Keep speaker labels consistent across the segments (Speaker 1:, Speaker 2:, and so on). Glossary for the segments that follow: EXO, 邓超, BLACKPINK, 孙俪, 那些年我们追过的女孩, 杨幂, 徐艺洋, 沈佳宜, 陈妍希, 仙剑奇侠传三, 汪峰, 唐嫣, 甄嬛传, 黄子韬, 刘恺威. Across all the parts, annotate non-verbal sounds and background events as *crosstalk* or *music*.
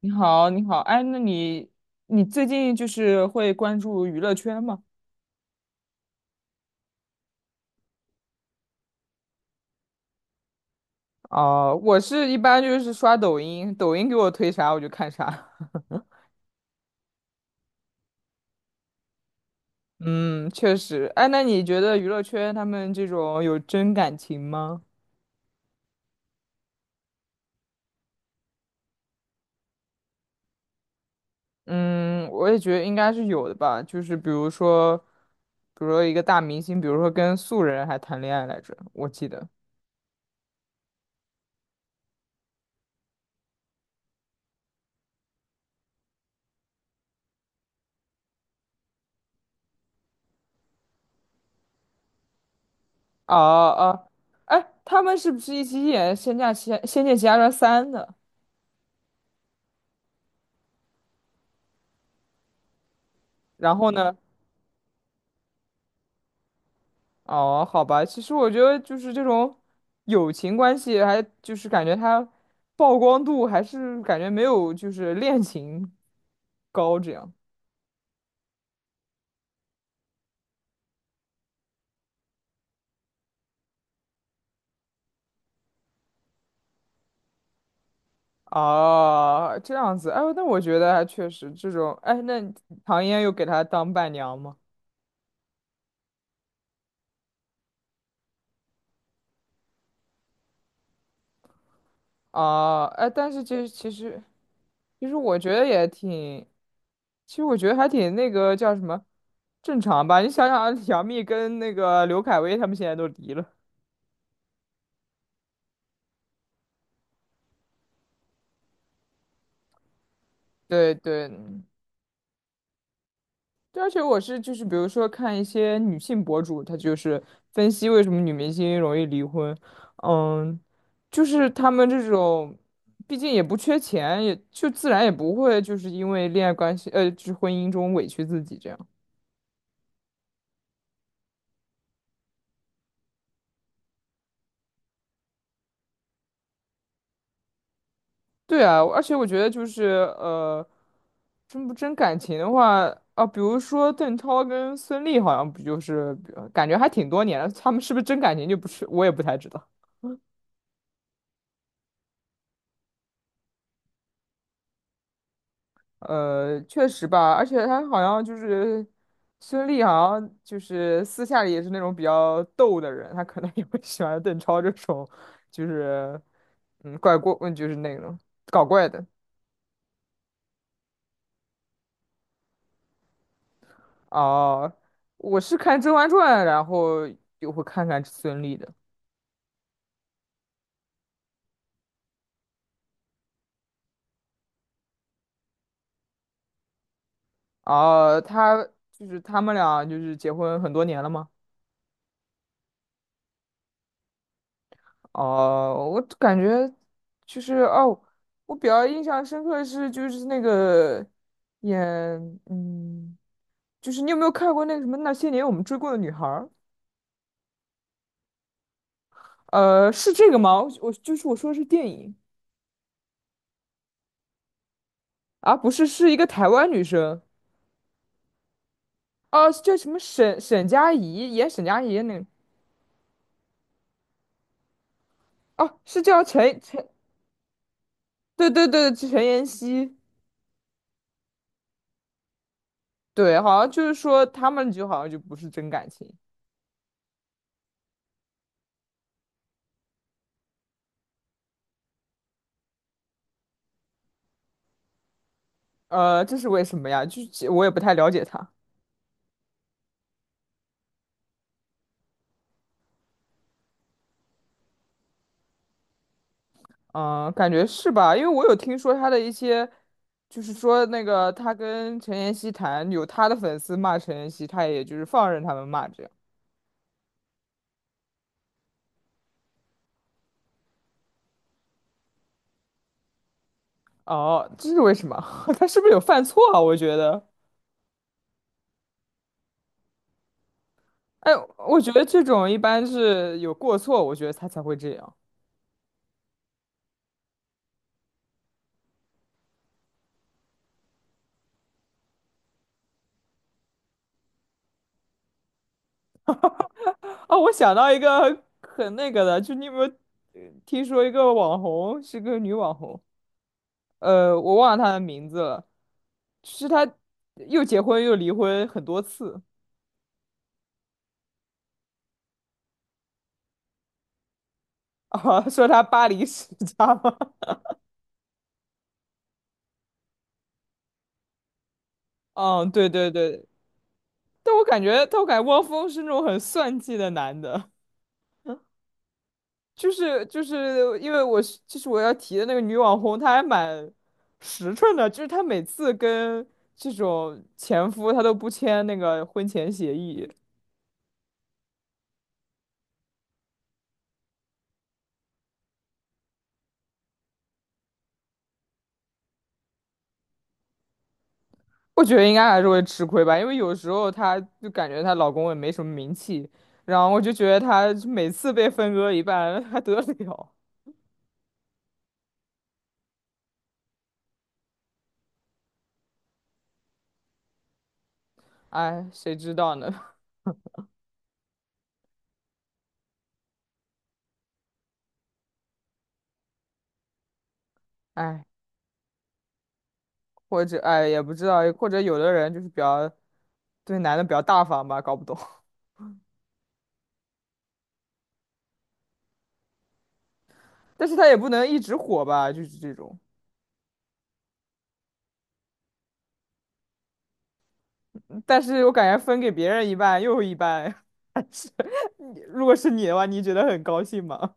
Speaker 1: 你好，你好，哎，那你最近就是会关注娱乐圈吗？哦，我是一般就是刷抖音，抖音给我推啥我就看啥。*laughs* 嗯，确实。哎，那你觉得娱乐圈他们这种有真感情吗？嗯，我也觉得应该是有的吧。就是比如说一个大明星，比如说跟素人还谈恋爱来着，我记得。哦哦，哎，他们是不是一起演《仙剑奇侠传三》的？然后呢？哦，好吧，其实我觉得就是这种友情关系，还就是感觉它曝光度还是感觉没有就是恋情高这样。啊，这样子，哎呦，那我觉得还确实这种，哎，那唐嫣又给他当伴娘吗？啊，哎，但是这其实我觉得也挺，其实我觉得还挺那个叫什么正常吧，你想想啊 *laughs* 杨幂跟那个刘恺威他们现在都离了。对对。对，而且我是就是，比如说看一些女性博主，她就是分析为什么女明星容易离婚。嗯，就是她们这种，毕竟也不缺钱，也就自然也不会就是因为恋爱关系，就是婚姻中委屈自己这样。对啊，而且我觉得就是呃，真不真感情的话啊，比如说邓超跟孙俪好像不就是感觉还挺多年了，他们是不是真感情就不是，我也不太知道。确实吧，而且他好像就是孙俪，好像就是私下里也是那种比较逗的人，他可能也会喜欢邓超这种，就是怪过，就是那种搞怪的。哦，我是看《甄嬛传》，然后又会看看孙俪的。哦，他就是他们俩就是结婚很多年了吗？哦，我感觉就是我比较印象深刻的是就是那个演嗯，就是你有没有看过那个什么那些年我们追过的女孩儿？是这个吗？我就是我说的是电影。啊，不是，是一个台湾女生。哦，叫什么沈佳宜演沈佳宜的那个。哦，是叫陈对对对陈妍希。对，好像就是说他们就好像就不是真感情，这是为什么呀？就是我也不太了解她。嗯，感觉是吧？因为我有听说他的一些，就是说那个他跟陈妍希谈，有他的粉丝骂陈妍希，他也就是放任他们骂这样。哦，这是为什么？*laughs* 他是不是有犯错啊？我觉得，哎，我觉得这种一般是有过错，我觉得他才会这样。哦，我想到一个很那个的，就你有没有听说一个网红，是个女网红，我忘了她的名字了，是她又结婚又离婚很多次。*laughs* 啊，说他巴黎世家吗？*laughs* 嗯，对对对，但我感觉汪峰是那种很算计的男的，就是因为我是就是我要提的那个女网红，她还蛮实诚的，就是她每次跟这种前夫，她都不签那个婚前协议。我觉得应该还是会吃亏吧，因为有时候她就感觉她老公也没什么名气，然后我就觉得她每次被分割一半还 *laughs* 得了，哎，谁知道呢？哎。或者哎也不知道，或者有的人就是比较对男的比较大方吧，搞不懂。*laughs* 但是他也不能一直火吧，就是这种。但是我感觉分给别人一半又一半，*laughs* 还是你如果是你的话，你觉得很高兴吗？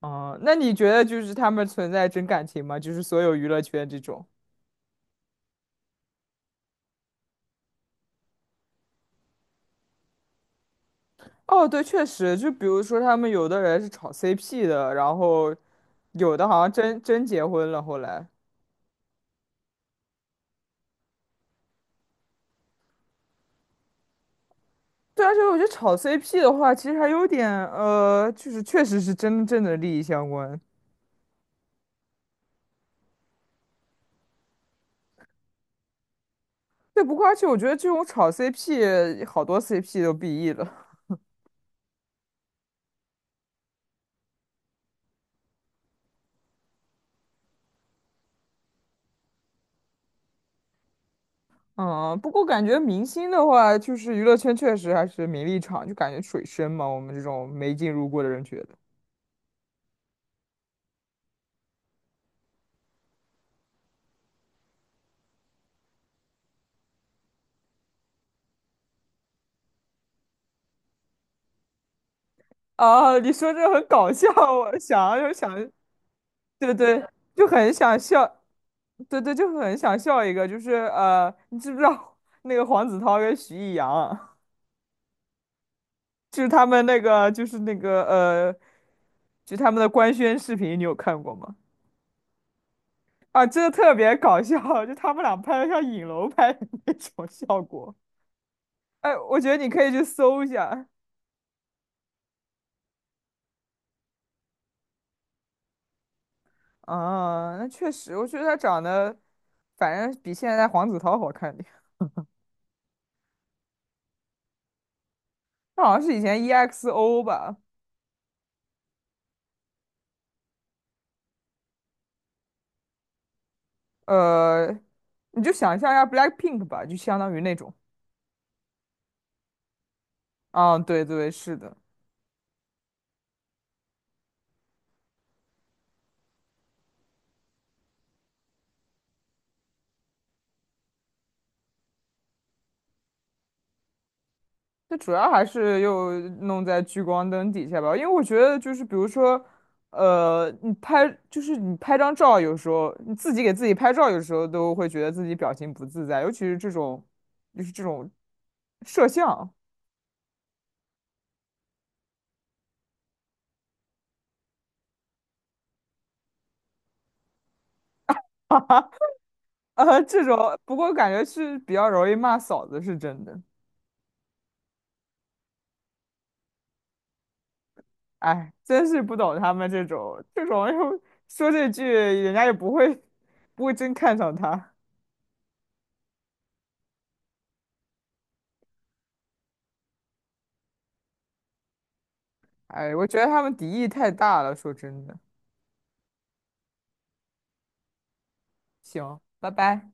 Speaker 1: 哦，那你觉得就是他们存在真感情吗？就是所有娱乐圈这种。哦，对，确实，就比如说他们有的人是炒 CP 的，然后有的好像真结婚了，后来。对，而且我觉得炒 CP 的话，其实还有点就是确实是真正的利益相关。对，不过而且我觉得这种炒 CP,好多 CP 都 BE 了。嗯，不过感觉明星的话，就是娱乐圈确实还是名利场，就感觉水深嘛，我们这种没进入过的人觉得。啊，你说这很搞笑，我想就想，对对，就很想笑，对对，就很想笑一个，就是你知不知道 *laughs* 那个黄子韬跟徐艺洋啊，就是他们那个，就是那个就他们的官宣视频，你有看过吗？啊，真的特别搞笑，就他们俩拍的像影楼拍的那种效果。哎，我觉得你可以去搜一下。啊，那确实，我觉得他长得，反正比现在黄子韬好看点。他好像是以前 EXO 吧，呃，你就想象一下 BLACKPINK 吧，就相当于那种。啊，对对，是的。那主要还是又弄在聚光灯底下吧，因为我觉得就是比如说，就是你拍张照，有时候你自己给自己拍照，有时候都会觉得自己表情不自在，尤其是这种就是这种摄像，这种不过感觉是比较容易骂嫂子，是真的。哎，真是不懂他们这种又说这句，人家也不会真看上他。哎，我觉得他们敌意太大了，说真的。行，拜拜。